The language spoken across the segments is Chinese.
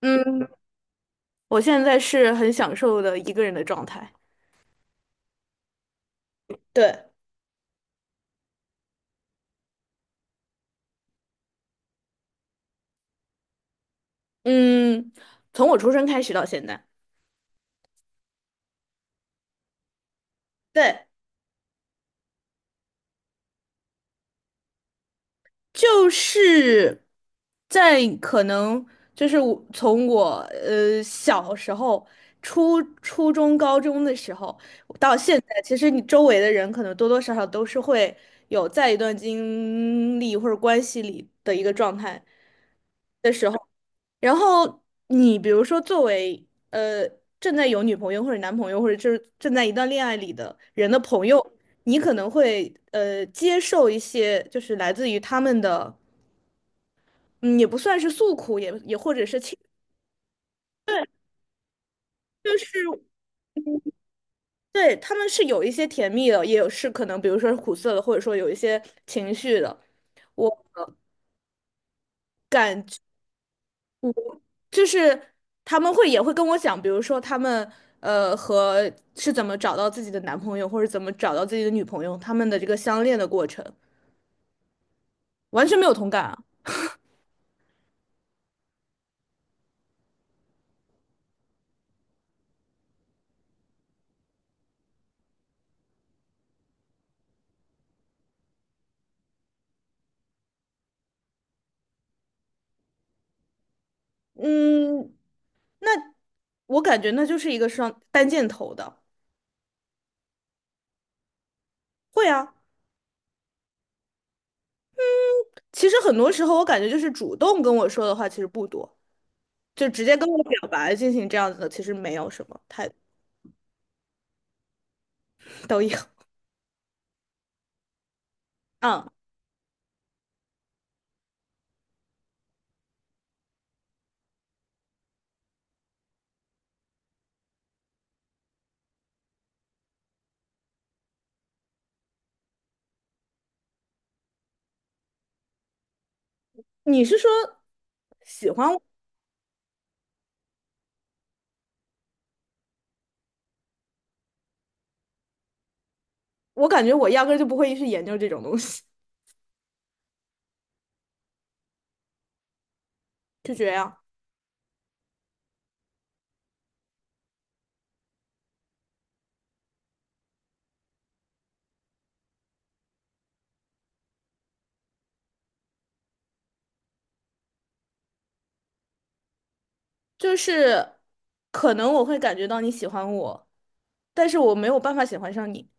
嗯，我现在是很享受的一个人的状态。对。嗯，从我出生开始到现在，对，就是在可能就是我从我小时候、初中、高中的时候到现在，其实你周围的人可能多多少少都是会有在一段经历或者关系里的一个状态。然后你比如说，作为正在有女朋友或者男朋友，或者就是正在一段恋爱里的人的朋友，你可能会接受一些就是来自于他们的，嗯，也不算是诉苦，也或者是情，就是对他们是有一些甜蜜的，也有是可能比如说是苦涩的，或者说有一些情绪的。我。就是他们会也会跟我讲，比如说他们和是怎么找到自己的男朋友，或者怎么找到自己的女朋友，他们的这个相恋的过程，完全没有同感啊。嗯，那我感觉那就是一个双单箭头的。会啊，其实很多时候我感觉就是主动跟我说的话其实不多，就直接跟我表白进行这样子的，其实没有什么太都有。嗯，你是说喜欢我？我感觉我压根儿就不会去研究这种东西，就这样。就是可能我会感觉到你喜欢我，但是我没有办法喜欢上你。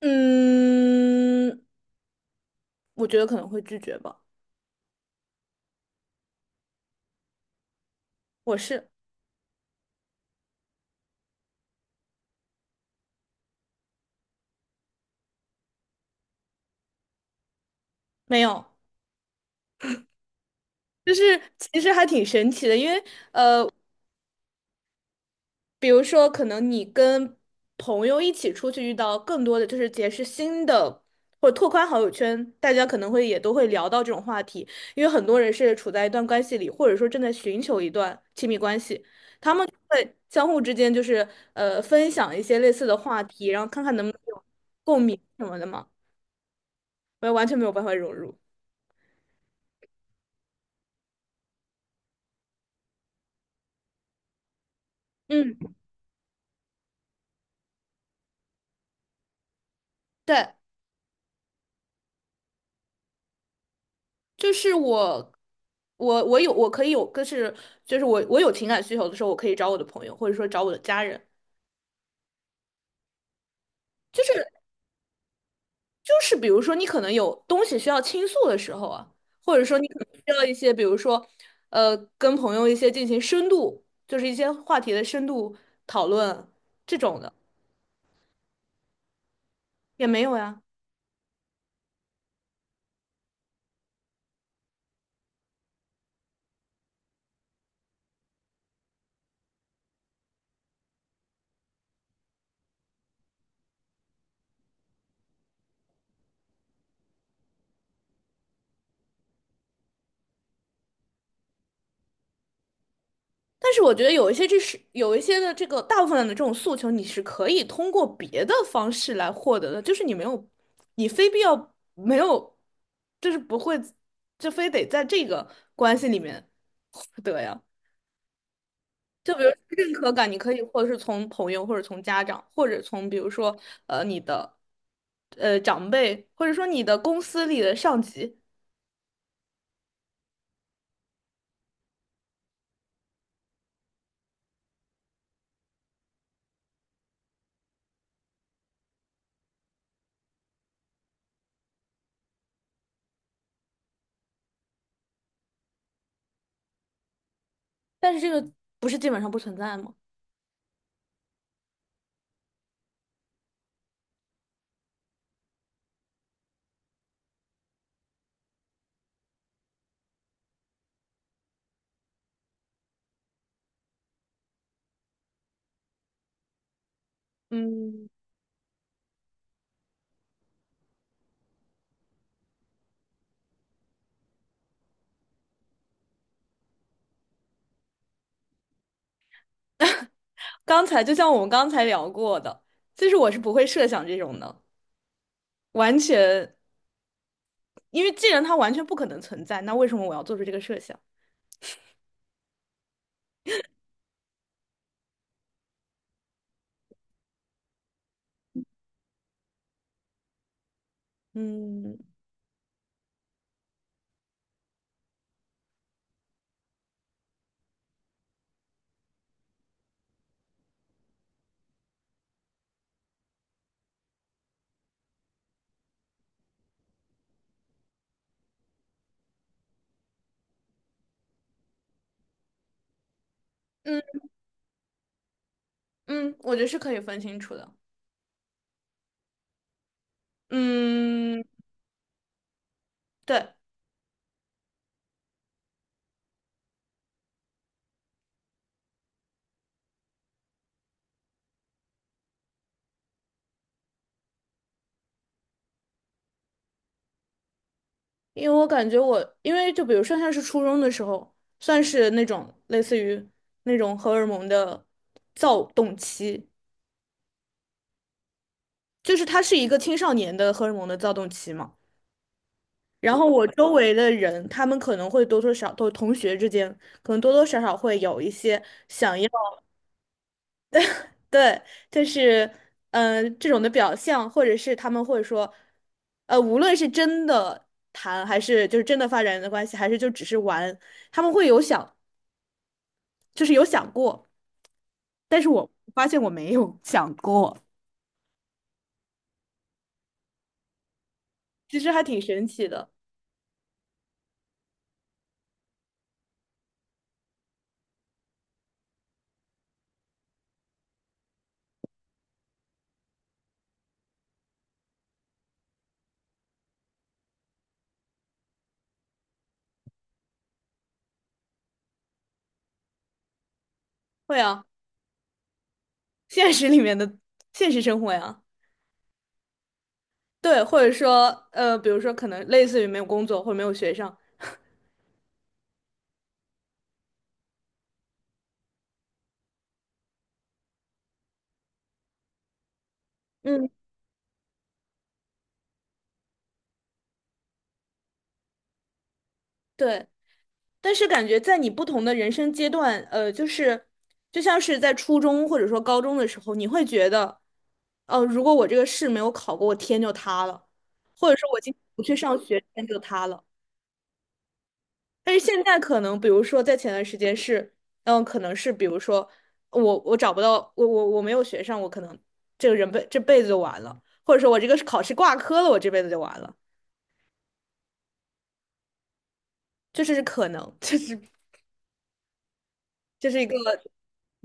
嗯，我觉得可能会拒绝吧。我是没有，就是其实还挺神奇的，因为比如说，可能你跟朋友一起出去遇到更多的就是结识新的。或者拓宽好友圈，大家可能会也都会聊到这种话题，因为很多人是处在一段关系里，或者说正在寻求一段亲密关系。对，相互之间就是分享一些类似的话题，然后看看能不能有共鸣什么的嘛。我也完全没有办法融入。嗯，对，就是我，我有我可以有，个是就是我有情感需求的时候，我可以找我的朋友，或者说找我的家人。就是就是比如说你可能有东西需要倾诉的时候啊，或者说你可能需要一些，比如说跟朋友一些进行深度，就是一些话题的深度讨论这种的也没有呀。但是我觉得有一些这是有一些的这个大部分的这种诉求，你是可以通过别的方式来获得的，就是你没有，你非必要没有，就是不会，就非得在这个关系里面获得呀。就比如认可感，你可以或者是从朋友，或者从家长，或者从比如说你的长辈，或者说你的公司里的上级，但是这个不是基本上不存在吗？嗯，刚才就像我们刚才聊过的，其实我是不会设想这种的，完全，因为既然它完全不可能存在，那为什么我要做出这个设想？嗯嗯嗯，我觉得是可以分清楚的。嗯，对，因为我感觉我，因为就比如上像是初中的时候，算是那种类似于那种荷尔蒙的躁动期，就是它是一个青少年的荷尔蒙的躁动期嘛。然后我周围的人，他们可能会多多少都同学之间，可能多多少少会有一些想要，对，就是这种的表象，或者是他们会说，无论是真的谈，还是就是真的发展的关系，还是就只是玩，他们会有想，就是有想过，但是我发现我没有想过，其实还挺神奇的。会啊，现实里面的现实生活呀。对，或者说，比如说，可能类似于没有工作或者没有学上，嗯，对，但是感觉在你不同的人生阶段，就是就像是在初中或者说高中的时候，你会觉得，哦、如果我这个试没有考过，我天就塌了，或者说我今天不去上学，天就塌了。但是现在可能，比如说在前段时间是，嗯，可能是比如说我找不到，我没有学上，我可能这个人辈这辈子就完了，或者说我这个考试挂科了，我这辈子就完了，这是可能，这是这是一个。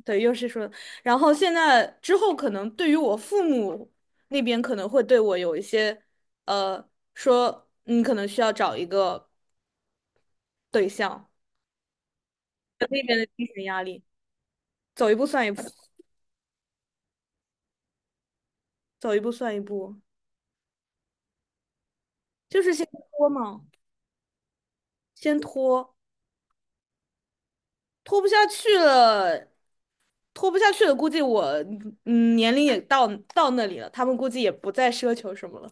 对，又是说，然后现在之后可能对于我父母那边可能会对我有一些，说你可能需要找一个对象，那边的精神压力，走一步算一步，走一步算一步，就是先拖嘛，先拖，拖不下去了，拖不下去了，估计我年龄也到那里了，他们估计也不再奢求什么了。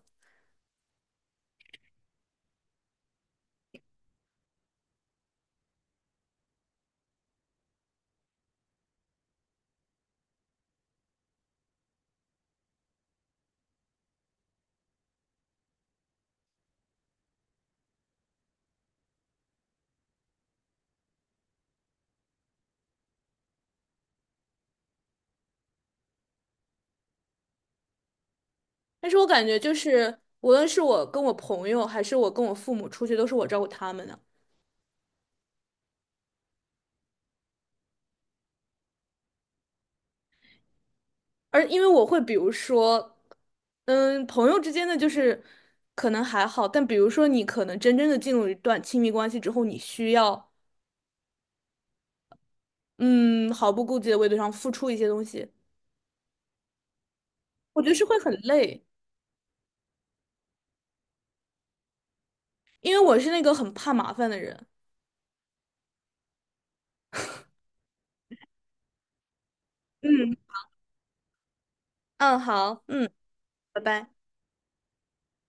但是我感觉就是，无论是我跟我朋友，还是我跟我父母出去，都是我照顾他们的。而因为我会比如说，嗯，朋友之间的就是可能还好，但比如说你可能真正的进入一段亲密关系之后，你需要嗯毫不顾忌的为对方付出一些东西，我觉得是会很累，因为我是那个很怕麻烦的人。嗯嗯，好，嗯，拜拜。